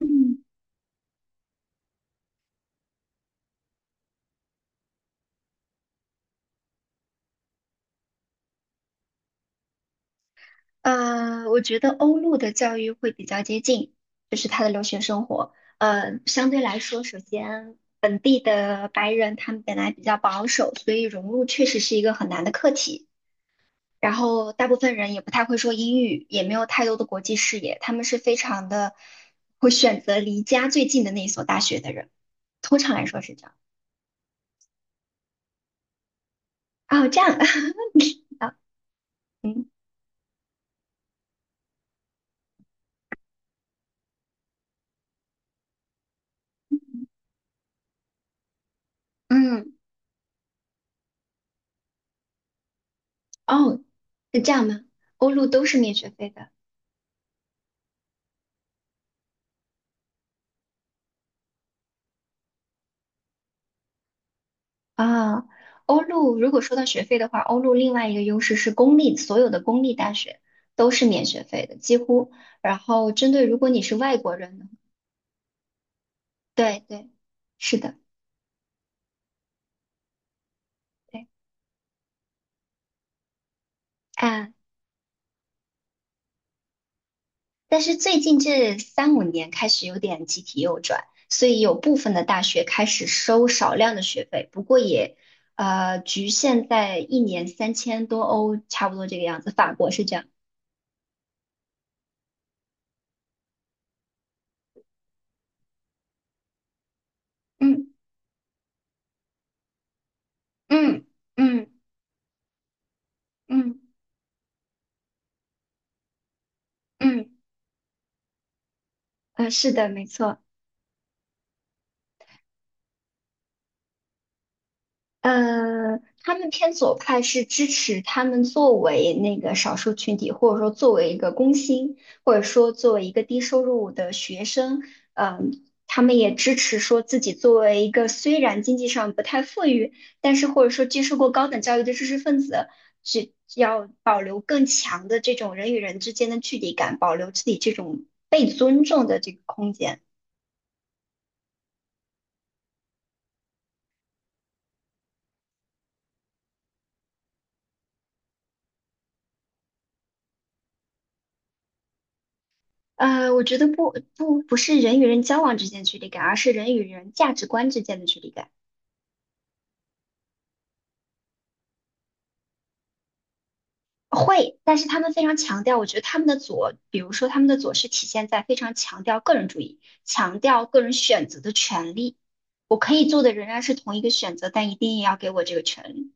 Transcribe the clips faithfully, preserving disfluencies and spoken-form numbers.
嗯，呃，我觉得欧陆的教育会比较接近，就是他的留学生活。呃，相对来说，首先本地的白人他们本来比较保守，所以融入确实是一个很难的课题。然后大部分人也不太会说英语，也没有太多的国际视野，他们是非常的会选择离家最近的那一所大学的人，通常来说是这样。哦，这样，啊，嗯，哦，是这样吗？欧陆都是免学费的。啊，欧陆如果说到学费的话，欧陆另外一个优势是公立，所有的公立大学都是免学费的，几乎。然后针对如果你是外国人呢。对对，是的，对啊。但是最近这三五年开始有点集体右转，所以有部分的大学开始收少量的学费，不过也呃局限在一年三千多欧，差不多这个样子。法国是这样。嗯嗯嗯嗯嗯。呃，是的，没错。呃，他们偏左派是支持他们作为那个少数群体，或者说作为一个工薪，或者说作为一个低收入的学生，嗯、他们也支持说自己作为一个虽然经济上不太富裕，但是或者说接受过高等教育的知识分子，只要保留更强的这种人与人之间的距离感，保留自己这种被尊重的这个空间。呃，我觉得不不不是人与人交往之间的距离感，而是人与人价值观之间的距离感。会，但是他们非常强调，我觉得他们的左，比如说他们的左是体现在非常强调个人主义，强调个人选择的权利。我可以做的仍然是同一个选择，但一定也要给我这个权利。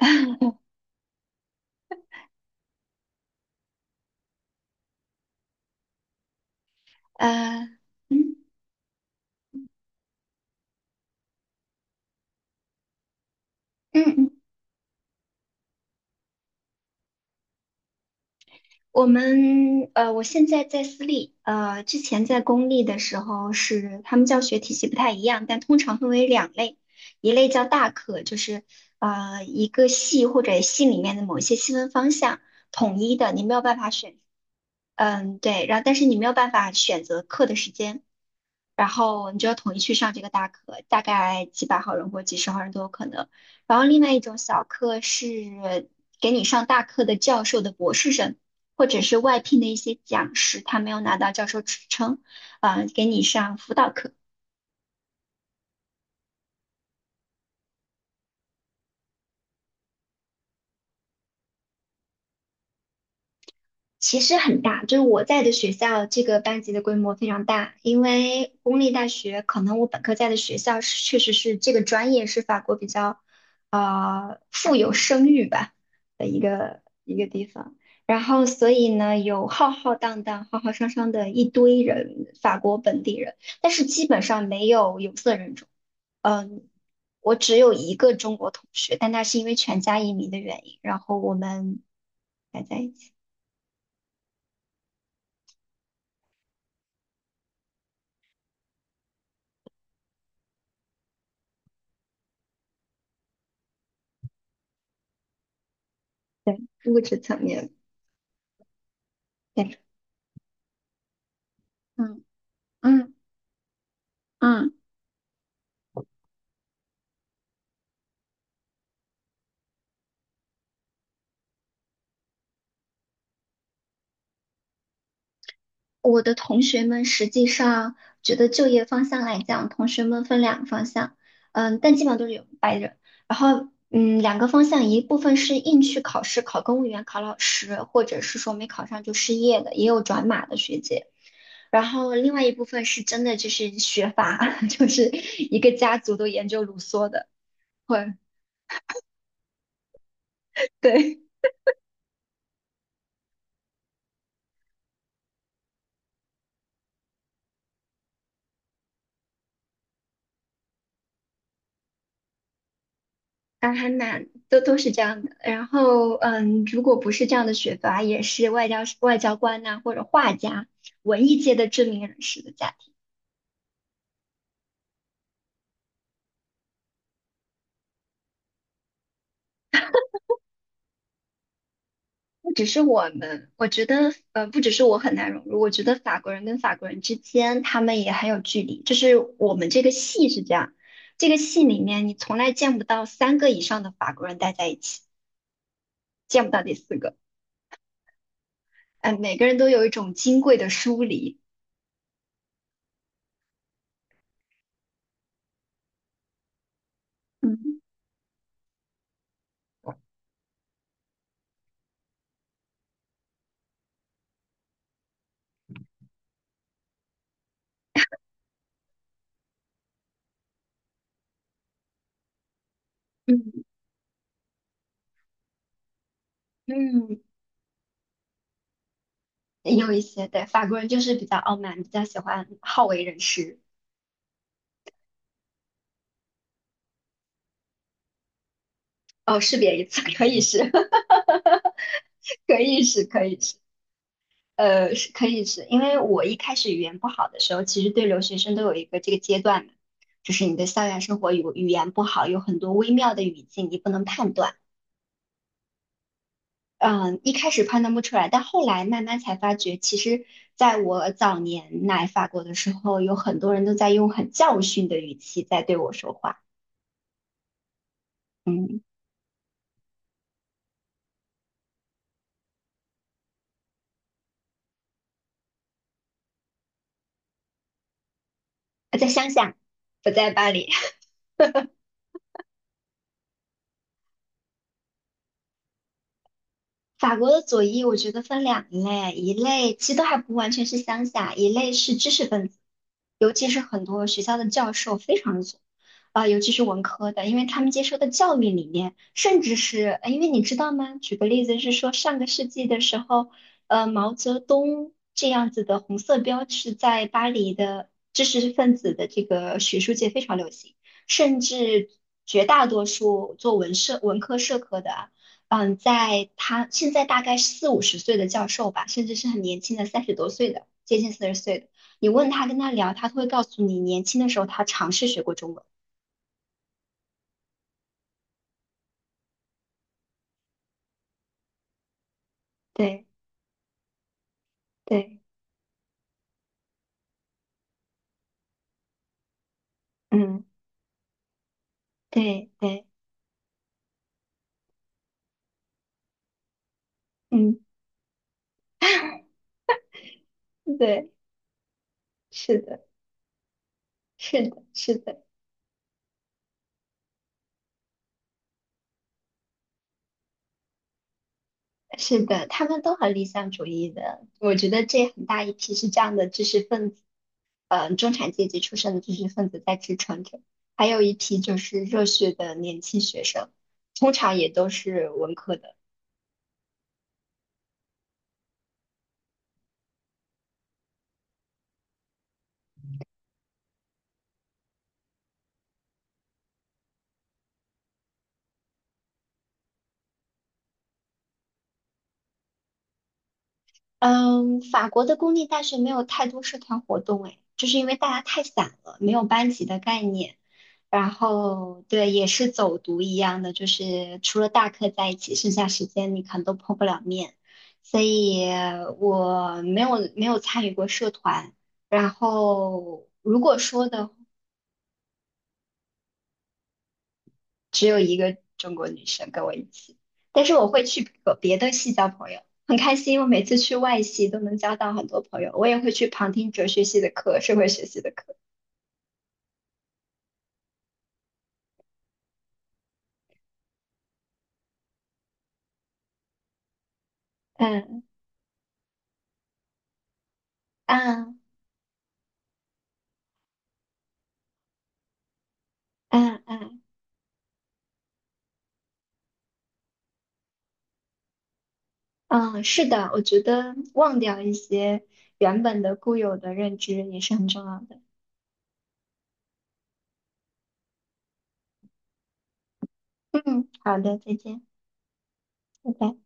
呃，嗯嗯嗯。我们呃，我现在在私立，呃，之前在公立的时候是他们教学体系不太一样，但通常分为两类，一类叫大课，就是呃一个系或者系里面的某一些细分方向统一的，你没有办法选，嗯，对，然后但是你没有办法选择课的时间，然后你就要统一去上这个大课，大概几百号人或几十号人都有可能。然后另外一种小课是给你上大课的教授的博士生，或者是外聘的一些讲师，他没有拿到教授职称，啊、给你上辅导课。其实很大，就是我在的学校这个班级的规模非常大，因为公立大学可能我本科在的学校是确实是这个专业是法国比较呃富有声誉吧的一个一个地方，然后所以呢有浩浩荡荡、浩浩汤汤的一堆人，法国本地人，但是基本上没有有色人种，嗯。我只有一个中国同学，但他是因为全家移民的原因，然后我们还在一起。对，物质层面，变成。嗯嗯嗯。我的同学们实际上觉得就业方向来讲，同学们分两个方向，嗯，但基本上都是有白人。然后，嗯，两个方向，一部分是硬去考试，考公务员、考老师，或者是说没考上就失业的，也有转码的学姐。然后另外一部分是真的就是学法，就是一个家族都研究卢梭的，会，对。啊，还蛮都都是这样的。然后，嗯，如果不是这样的学阀，也是外交外交官呐、或者画家、文艺界的知名人士的家庭。不只是我们，我觉得，呃，不只是我很难融入，我觉得法国人跟法国人之间，他们也很有距离。就是我们这个系是这样，这个系里面你从来见不到三个以上的法国人待在一起，见不到第四个。嗯、每个人都有一种金贵的疏离。嗯嗯嗯。也有一些，对，法国人就是比较傲慢，比较喜欢好为人师。哦，识别一次，可以是，可以是，可以是，呃，是可以是，因为我一开始语言不好的时候，其实对留学生都有一个这个阶段嘛，就是你的校园生活语语言不好，有很多微妙的语境你不能判断。嗯，一开始判断不出来，但后来慢慢才发觉，其实在我早年来法国的时候，有很多人都在用很教训的语气在对我说话。嗯，我在乡下，不在巴黎。法国的左翼，我觉得分两类，一类其实都还不完全是乡下，一类是知识分子，尤其是很多学校的教授非常左，啊、尤其是文科的，因为他们接受的教育理念，甚至是，呃因为你知道吗？举个例子是说，上个世纪的时候，呃，毛泽东这样子的红色标志在巴黎的知识分子的这个学术界非常流行，甚至绝大多数做文社、文科、社科的啊。嗯，在他现在大概四五十岁的教授吧，甚至是很年轻的三十多岁的，接近四十岁的，你问他跟他聊，他都会告诉你，年轻的时候他尝试学过中文。对对，嗯，对对，嗯，对，是的，是的，是的。是的，他们都很理想主义的。我觉得这很大一批是这样的知识分子，呃，中产阶级出身的知识分子在支撑着，还有一批就是热血的年轻学生，通常也都是文科的。嗯，法国的公立大学没有太多社团活动，哎，就是因为大家太散了，没有班级的概念。然后对，也是走读一样的，就是除了大课在一起，剩下时间你可能都碰不了面，所以我没有没有参与过社团。然后如果说的，只有一个中国女生跟我一起，但是我会去和别的系交朋友，很开心。我每次去外系都能交到很多朋友，我也会去旁听哲学系的课、社会学系的课。嗯嗯嗯嗯。嗯，是的，我觉得忘掉一些原本的固有的认知也是很重要的。嗯，好的，再见，拜拜。